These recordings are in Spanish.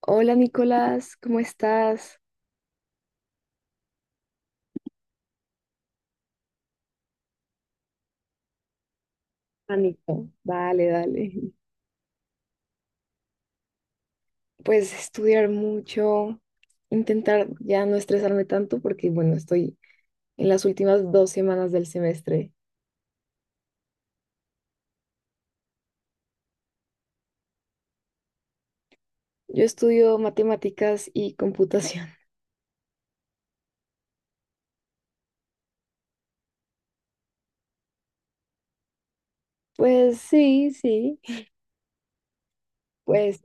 Hola Nicolás, ¿cómo estás? Ah, Nico, dale, dale. Pues estudiar mucho, intentar ya no estresarme tanto porque bueno, estoy en las últimas dos semanas del semestre. Yo estudio matemáticas y computación. Pues sí, sí. Pues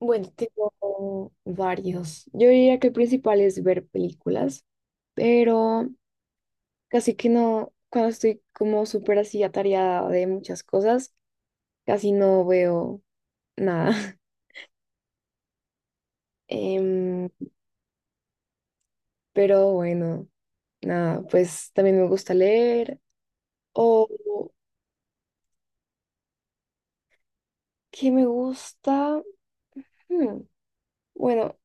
bueno, tengo varios. Yo diría que el principal es ver películas, pero casi que no, cuando estoy como súper así atareada de muchas cosas, casi no veo. Nada. Em, pero bueno, nada, pues también me gusta leer. O qué me gusta. Hmm, bueno,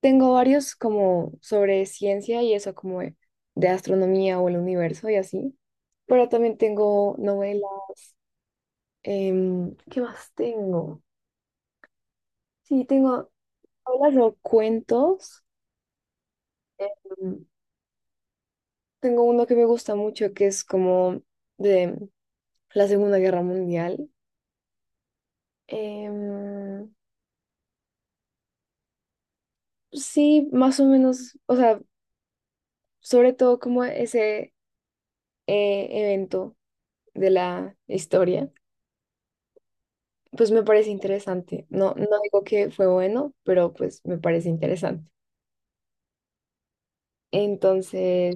tengo varios como sobre ciencia y eso, de astronomía o el universo y así. Pero también tengo novelas. ¿Qué más tengo? Sí, tengo novelas o cuentos. Mm, tengo uno que me gusta mucho que es como de la Segunda Guerra Mundial. Em, Sí, más o menos, o sea, sobre todo como ese evento de la historia, pues me parece interesante. No, no digo que fue bueno, pero pues me parece interesante. Entonces,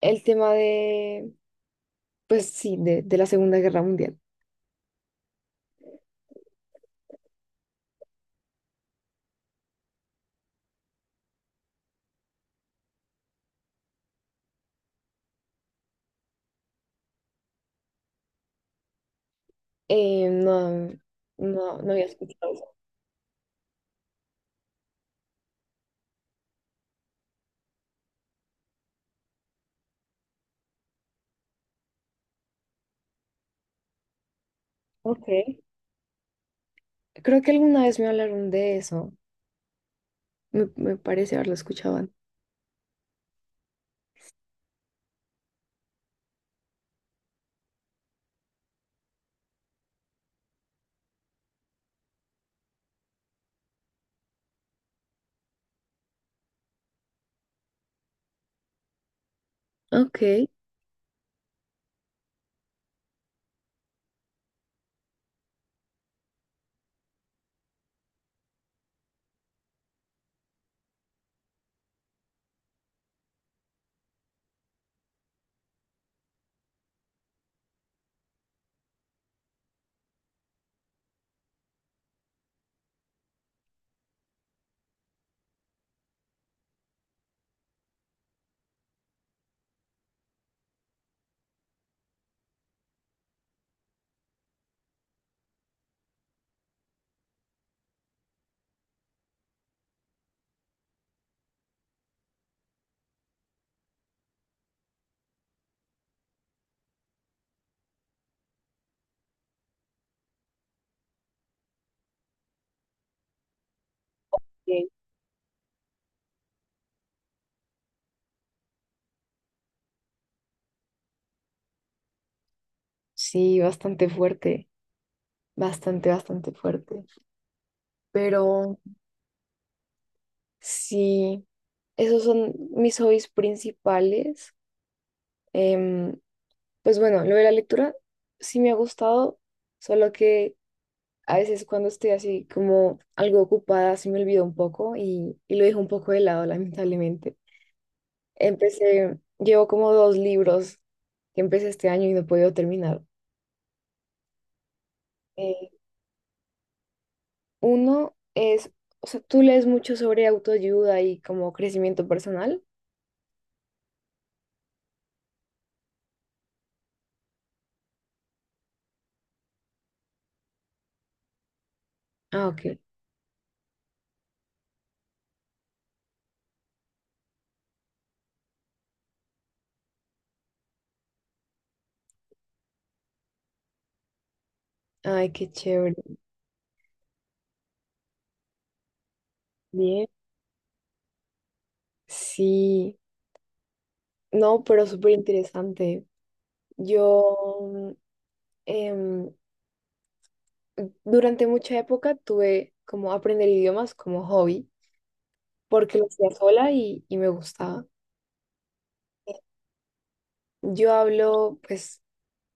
el tema de, pues sí, de la Segunda Guerra Mundial. No, no, no había escuchado eso. Ok. Creo que alguna vez me hablaron de eso. Me parece haberlo escuchado antes. Ok. Bien. Sí, bastante fuerte. Bastante, bastante fuerte. Pero sí, esos son mis hobbies principales. Em, pues bueno, lo de la lectura sí me ha gustado, solo que a veces cuando estoy así como algo ocupada se me olvida un poco y lo dejo un poco de lado, lamentablemente. Empecé, llevo como dos libros que empecé este año y no he podido terminar. Eh, uno es, o sea, tú lees mucho sobre autoayuda y como crecimiento personal. Ah, ok. Ay, qué chévere. Sí, no, pero súper interesante. Yo mm, em, durante mucha época tuve como aprender idiomas como hobby, porque lo hacía sola y me gustaba. Yo hablo pues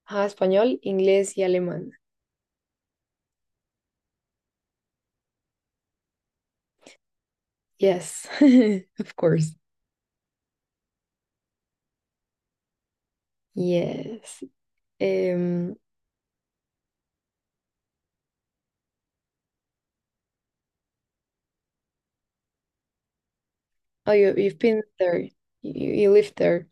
ajá, español, inglés y alemán. Yes, of course. Yes. um oh, you've been there. You live there.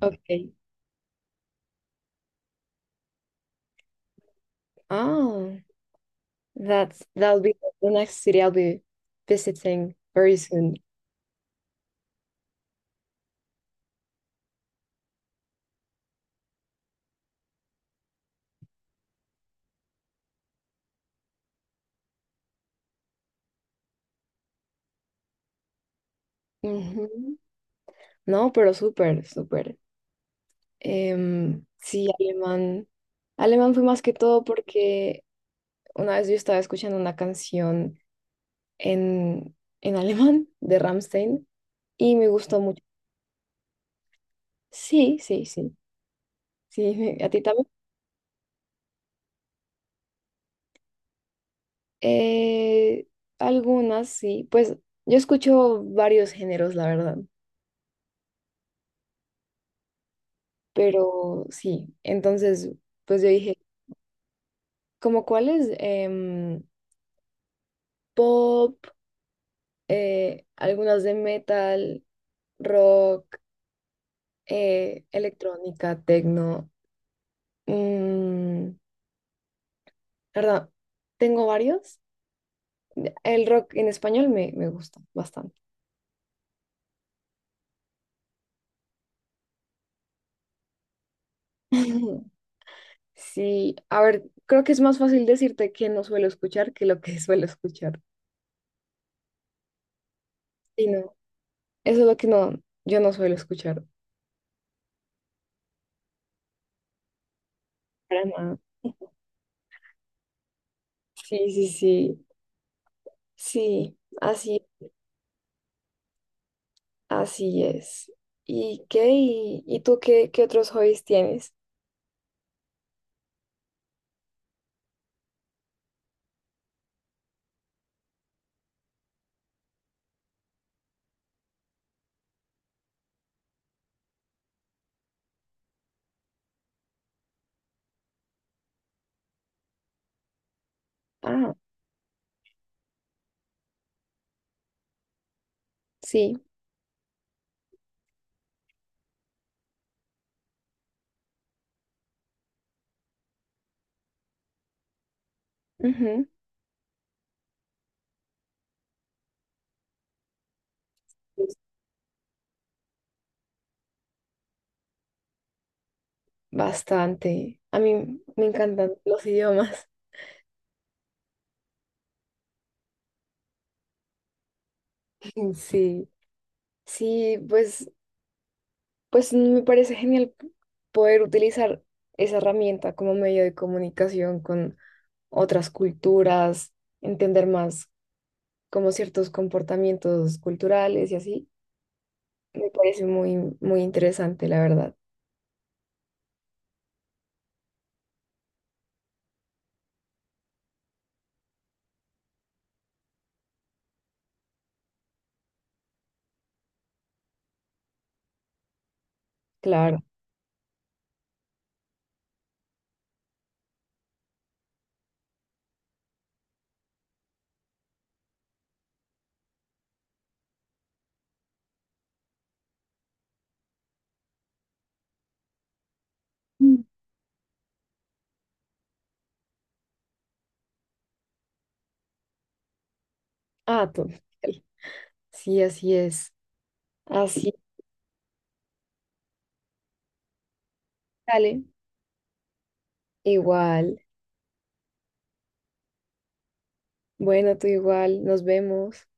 Okay. Oh, that'll be the next city I'll be visiting very soon. Ujú. No, pero súper, súper. Sí, alemán. Alemán fue más que todo porque una vez yo estaba escuchando una canción en, en alemán de Rammstein y me gustó mucho. Sí, sí, sí. Sí, me- a ti también. Eh, algunas, sí. Pues yo escucho varios géneros, la verdad. Pero sí, entonces, pues yo dije, ¿como cuáles? Pop. Algunas de metal, rock, electrónica, techno. Mm, la verdad, tengo varios. El rock en español me, me gusta bastante. Sí, a ver, creo que es más fácil decirte que no suelo escuchar que lo que suelo escuchar. Sí, no, eso es lo que no, yo no suelo escuchar para nada. Sí, sí, sí, sí, así, así es. ¿Y qué? Y tú qué, qué otros hobbies tienes? Ah, sí, ujú, bastante. A mí me encantan los idiomas. Sí, sí, pues, pues me parece genial poder utilizar esa herramienta como medio de comunicación con otras culturas, entender más como ciertos comportamientos culturales y así. Me parece muy, muy interesante, la verdad. Claro. Mm. Ah, total. Sí, así es. Así sale. Igual. Bueno, tú igual, nos vemos.